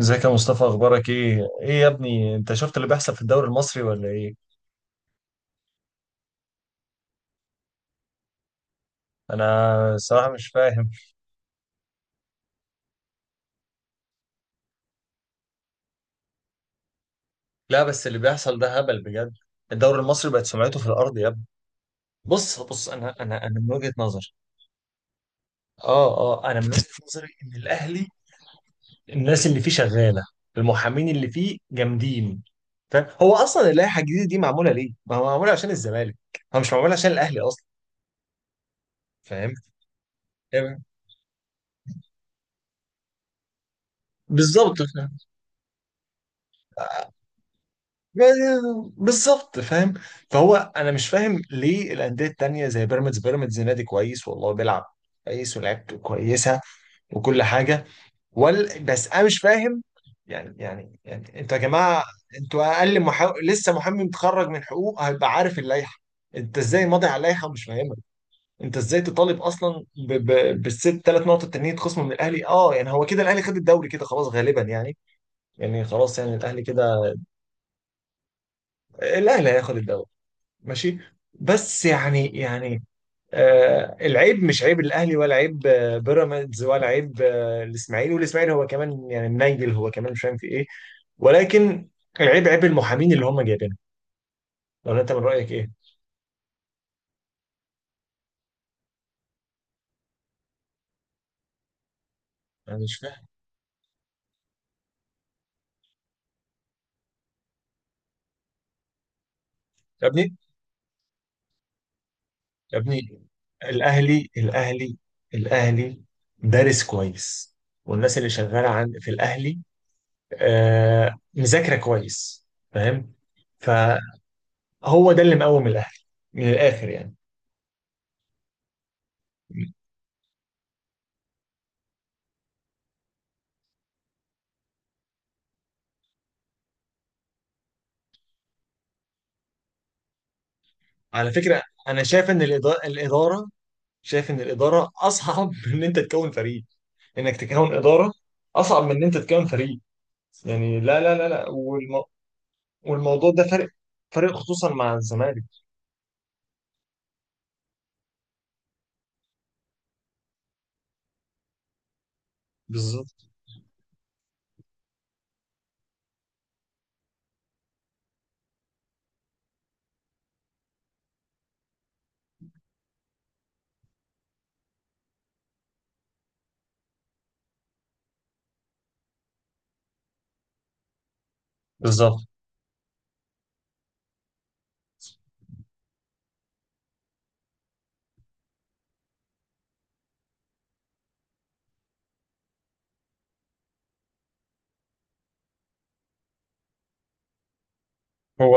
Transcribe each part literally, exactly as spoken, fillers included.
ازيك يا مصطفى؟ اخبارك ايه؟ ايه يا ابني، انت شفت اللي بيحصل في الدوري المصري ولا ايه؟ انا الصراحه مش فاهم. لا، بس اللي بيحصل ده هبل بجد. الدوري المصري بقت سمعته في الارض يا ابني. بص بص، انا انا انا من وجهه نظري. اه اه انا من وجهه نظري ان الاهلي، الناس اللي فيه شغاله، المحامين اللي فيه جامدين. فاهم؟ هو اصلا اللائحه الجديده دي معموله ليه؟ ما هو معموله عشان الزمالك. هو مش معموله عشان الاهلي اصلا. فاهم؟ بالظبط. بالظبط، فاهم؟ فهو انا مش فاهم ليه الانديه التانيه زي بيراميدز. بيراميدز نادي كويس والله، بيلعب كويس ولعبته كويسه، وكل حاجه. وال بس انا مش فاهم. يعني يعني يعني انتوا يا جماعه، انتوا اقل محا... لسه محامي متخرج من حقوق هيبقى عارف اللائحه. انت ازاي ماضي على اللائحه ومش فاهمها؟ انت ازاي تطالب اصلا ب... ب... بالست ثلاث نقط التانيين يتخصموا من الاهلي؟ اه يعني هو كده الاهلي خد الدوري كده خلاص غالبا، يعني يعني خلاص، يعني الاهلي كده. الاهلي هياخد الدوري. ماشي. بس يعني يعني آه العيب مش عيب الاهلي، ولا عيب آه، بيراميدز، ولا عيب آه الاسماعيلي. والاسماعيلي هو كمان يعني منيل، هو كمان مش فاهم في ايه. ولكن، العيب عيب المحامين اللي هم جايبينهم. لو انت من رايك ايه؟ انا مش فاهم. يا ابني، يا ابني، الاهلي الاهلي الاهلي دارس كويس، والناس اللي شغاله عن في الاهلي، آه مذاكره كويس. فاهم؟ فهو، ده اللي مقوم الاهلي، من الاخر يعني. على فكرة، أنا شايف إن الإدا- الإدارة شايف إن الإدارة أصعب من إن أنت تكون فريق. إنك تكون إدارة أصعب من إن أنت تكون فريق. يعني لا لا لا لا، والم... والموضوع ده فرق، فرق خصوصا مع الزمالك. بالظبط. بالظبط. هو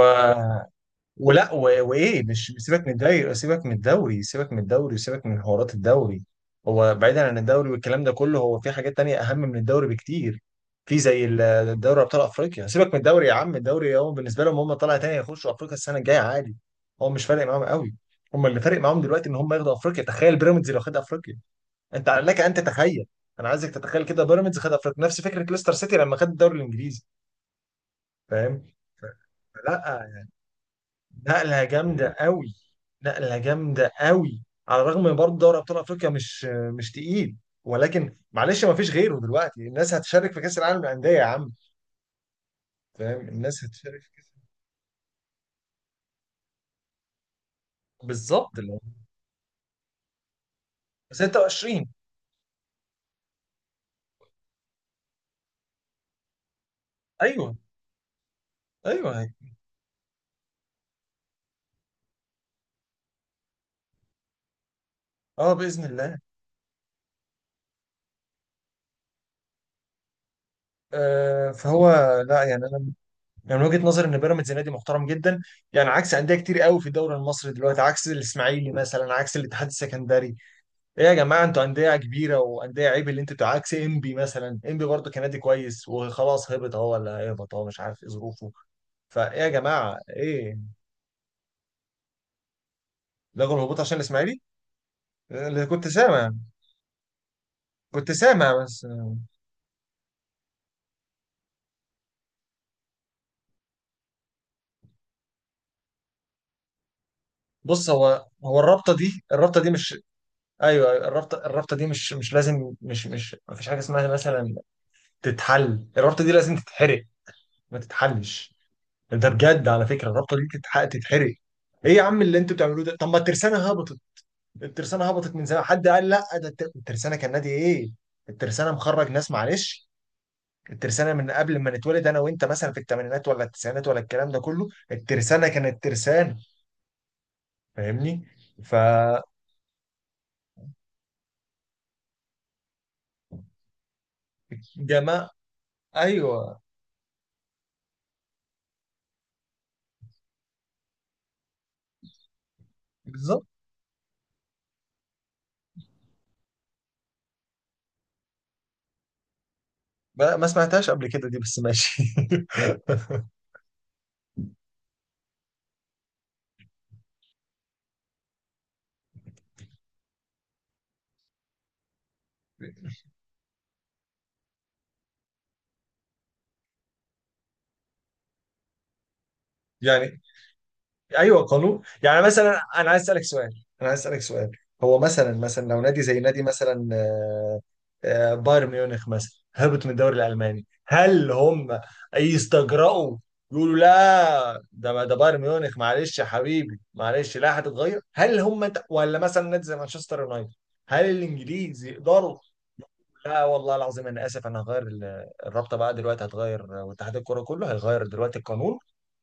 ولا و- وايه، مش سيبك من الدوري، سيبك من الدوري، سيبك من الدوري، وسيبك من حوارات الدوري. هو بعيدا عن الدوري والكلام ده كله، هو في حاجات تانية اهم من الدوري بكتير. في زي ال- دوري ابطال افريقيا. سيبك من الدوري يا عم، الدوري هو بالنسبه لهم هم طالع، تاني يخشوا افريقيا السنه الجايه عادي. هو مش فارق معاهم قوي. هم اللي فارق معاهم دلوقتي ان هم ياخدوا افريقيا. تخيل بيراميدز لو خد افريقيا، انت لك ان تتخيل. انا عايزك تتخيل كده بيراميدز خد افريقيا، نفس فكره ليستر سيتي لما خد الدوري الانجليزي. فاهم؟ لا. نقلة جامدة قوي، نقلة جامدة قوي. على الرغم من برضه دوري أبطال أفريقيا مش مش تقيل. ولكن معلش، ما فيش غيره دلوقتي، الناس هتشارك في كأس العالم للأندية يا عم. فاهم؟ الناس هتشارك في كأس. بالظبط، اللي هو ستة وعشرين. أيوه، أيوه، أيوه. اه، باذن الله. آه فهو، لا يعني انا، يعني من وجهه نظري ان بيراميدز نادي محترم جدا، يعني عكس انديه كتير قوي في الدوري المصري دلوقتي، عكس الاسماعيلي مثلا، عكس الاتحاد السكندري. ايه يا جماعه؟ انتوا انديه كبيره وانديه، عيب اللي انتوا. عكس انبي مثلا، انبي برضه كان نادي كويس وخلاص، هبط اهو ولا هيهبط اهو مش عارف ايه ظروفه. فايه يا جماعه، ايه؟ لغوا الهبوط عشان الاسماعيلي. اللي كنت سامع، كنت سامع بس. بص، هو هو الرابطه دي الرابطه دي مش، ايوه، أيوة، الرابطه الرابطه دي مش، مش لازم مش مش ما فيش حاجه اسمها مثلا تتحل. الرابطه دي لازم تتحرق، ما تتحلش. ده بجد، على فكره الرابطه دي تتح- تتحرق. ايه يا عم اللي انتوا بتعملوه ده؟ طب ما الترسانه هبطت. الترسانة هبطت من زمان، حد قال لا ده الت- الترسانة كان نادي ايه؟ الترسانة مخرج ناس، معلش. الترسانة من قبل ما نتولد انا وانت مثلا، في الثمانينات ولا التسعينات ولا الكلام ده كله، الترسانة كانت ترسانة. فاهمني؟ فجماعة، ايوه. بالظبط. ما ما سمعتهاش قبل كده دي، بس ماشي. يعني، ايوه قانون يعني. مثلا انا عايز اسالك سؤال انا عايز اسالك سؤال هو مثلا مثلا لو نادي زي نادي مثلا آه، آه، بايرن ميونخ مثلا هبط من الدوري الالماني، هل هم يستجرأوا يقولوا لا ده؟ ما ده بايرن ميونخ، معلش يا حبيبي معلش، لا هتتغير. هل هم انت ولا مثلا نادي زي مانشستر يونايتد، هل الانجليز يقدروا؟ لا والله العظيم، انا اسف، انا هغير ال- الرابطه بقى دلوقتي، هتغير، واتحاد الكوره كله هيغير دلوقتي القانون.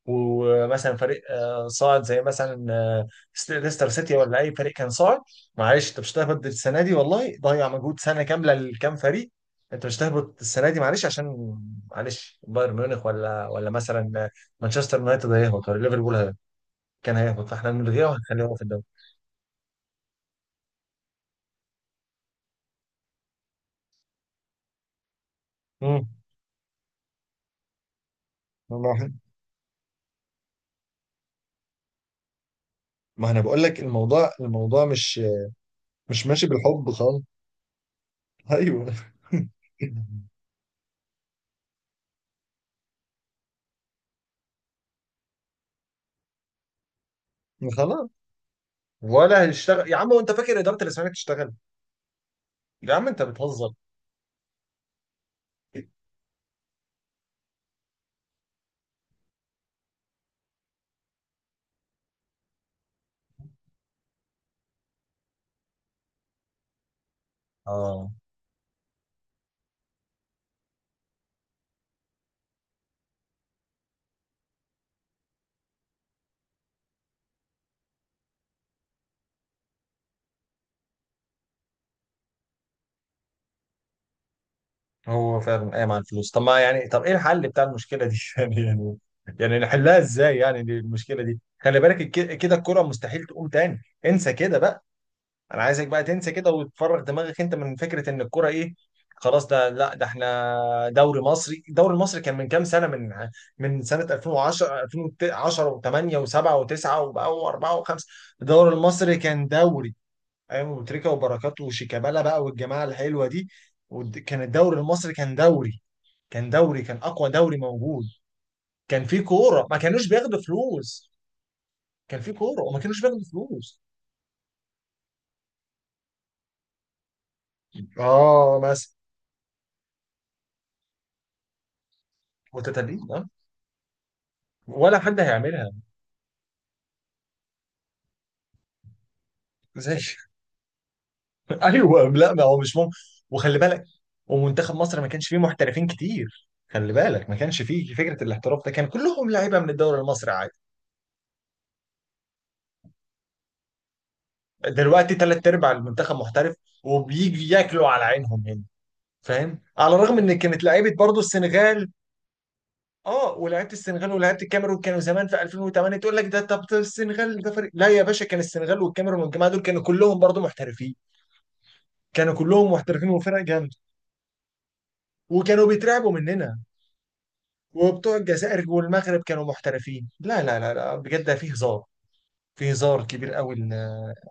ومثلا فريق آه، صاعد زي مثلا آه، ست- ليستر سيتي ولا اي فريق كان صاعد، معلش انت مش هتهبط السنه دي والله، ضيع مجهود سنه كامله لكام فريق. انت مش هتهبط السنه دي معلش عشان، معلش بايرن ميونخ ولا ولا مثلا آه، مانشستر يونايتد هيهبط ولا ليفربول هي- كان هيهبط، فاحنا هنلغيها وهنخليها هو في الدوري. امم. والله، ما انا بقول لك، الموضوع الموضوع مش مش ماشي بالحب خالص. ايوه. خلاص. ولا هيشتغل يا عم، وانت فاكر اداره الاسماك تشتغل؟ يا عم انت بتهزر. اه، هو فعلا قايم على الفلوس. طب ما يعني، طب ايه الحل بتاع المشكله دي يعني يعني يعني نحلها ازاي يعني، دي المشكله دي خلي بالك، الك- كده الكره مستحيل تقوم تاني، انسى كده بقى. انا عايزك بقى تنسى كده وتفرغ دماغك انت من فكره ان الكوره ايه. خلاص، ده لا ده احنا دوري مصري. الدوري المصري كان من كام سنه، من من سنه ألفين وعشرة، ألفين وعشرة و8 و7 و9 وبقى و4 و5. الدوري المصري كان دوري، ايام ابو تريكه وبركات وشيكابالا بقى والجماعه الحلوه دي، والد- كان الدوري المصري كان دوري، كان دوري كان اقوى دوري موجود. كان في كوره، ما كانوش بياخدوا فلوس. كان في كوره وما كانوش بياخدوا فلوس. اه مثلا. متتابعين، اه. ولا حد هيعملها. زي. ايوه، لا ما هو مش ممكن. وخلي بالك، ومنتخب مصر ما كانش فيه محترفين كتير، خلي بالك ما كانش فيه فكره الاحتراف ده، كان كلهم لعيبه من الدوري المصري عادي. دلوقتي ثلاث ارباع المنتخب محترف، وبيجي ياكلوا على عينهم هنا. فاهم؟ على الرغم ان كانت لعيبه برضه السنغال. اه، ولعيبه السنغال ولعيبه الكاميرون كانوا زمان في ألفين وثمانية. تقول لك ده طب ده السنغال ده فريق؟ لا يا باشا، كان السنغال والكاميرون والجماعه دول كانوا كلهم برضه محترفين، كانوا كلهم محترفين وفرق جامده. وكانوا بيترعبوا مننا. وبتوع الجزائر والمغرب كانوا محترفين. لا لا لا لا، بجد ده فيه هزار، فيه هزار كبير قوي إن-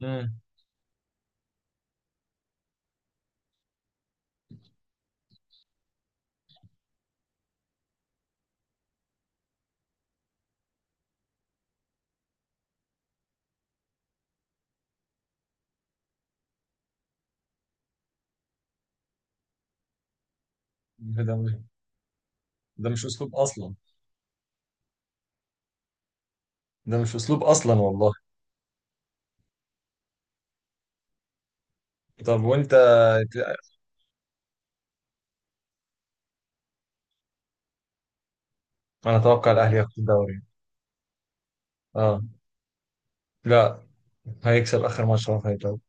امم. ده ده مش اسلوب اصلا. ده مش اسلوب اصلا والله. طب وانت؟ انا اتوقع الاهلي ياخد الدوري. اه. لا، هيكسب اخر ماتش هو هيتوب.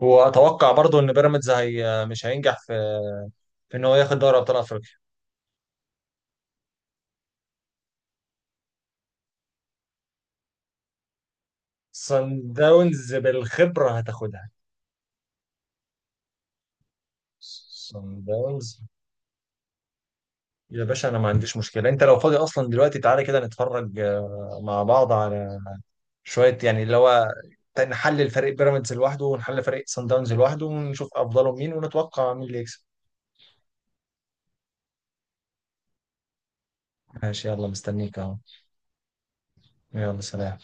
واتوقع برضو ان بيراميدز هي مش هينجح في في ان هو ياخد دوري ابطال افريقيا. سان داونز بالخبره هتاخدها. سان داونز، يا باشا انا ما عنديش مشكله، انت لو فاضي اصلا دلوقتي تعالى كده نتفرج آه، مع بعض على شويه يعني، اللي هو نحلل فريق بيراميدز لوحده ونحلل فريق سان داونز لوحده ونشوف افضلهم مين ونتوقع مين اللي يكسب. ماشي، يلا مستنيك اهو. يلا سلام.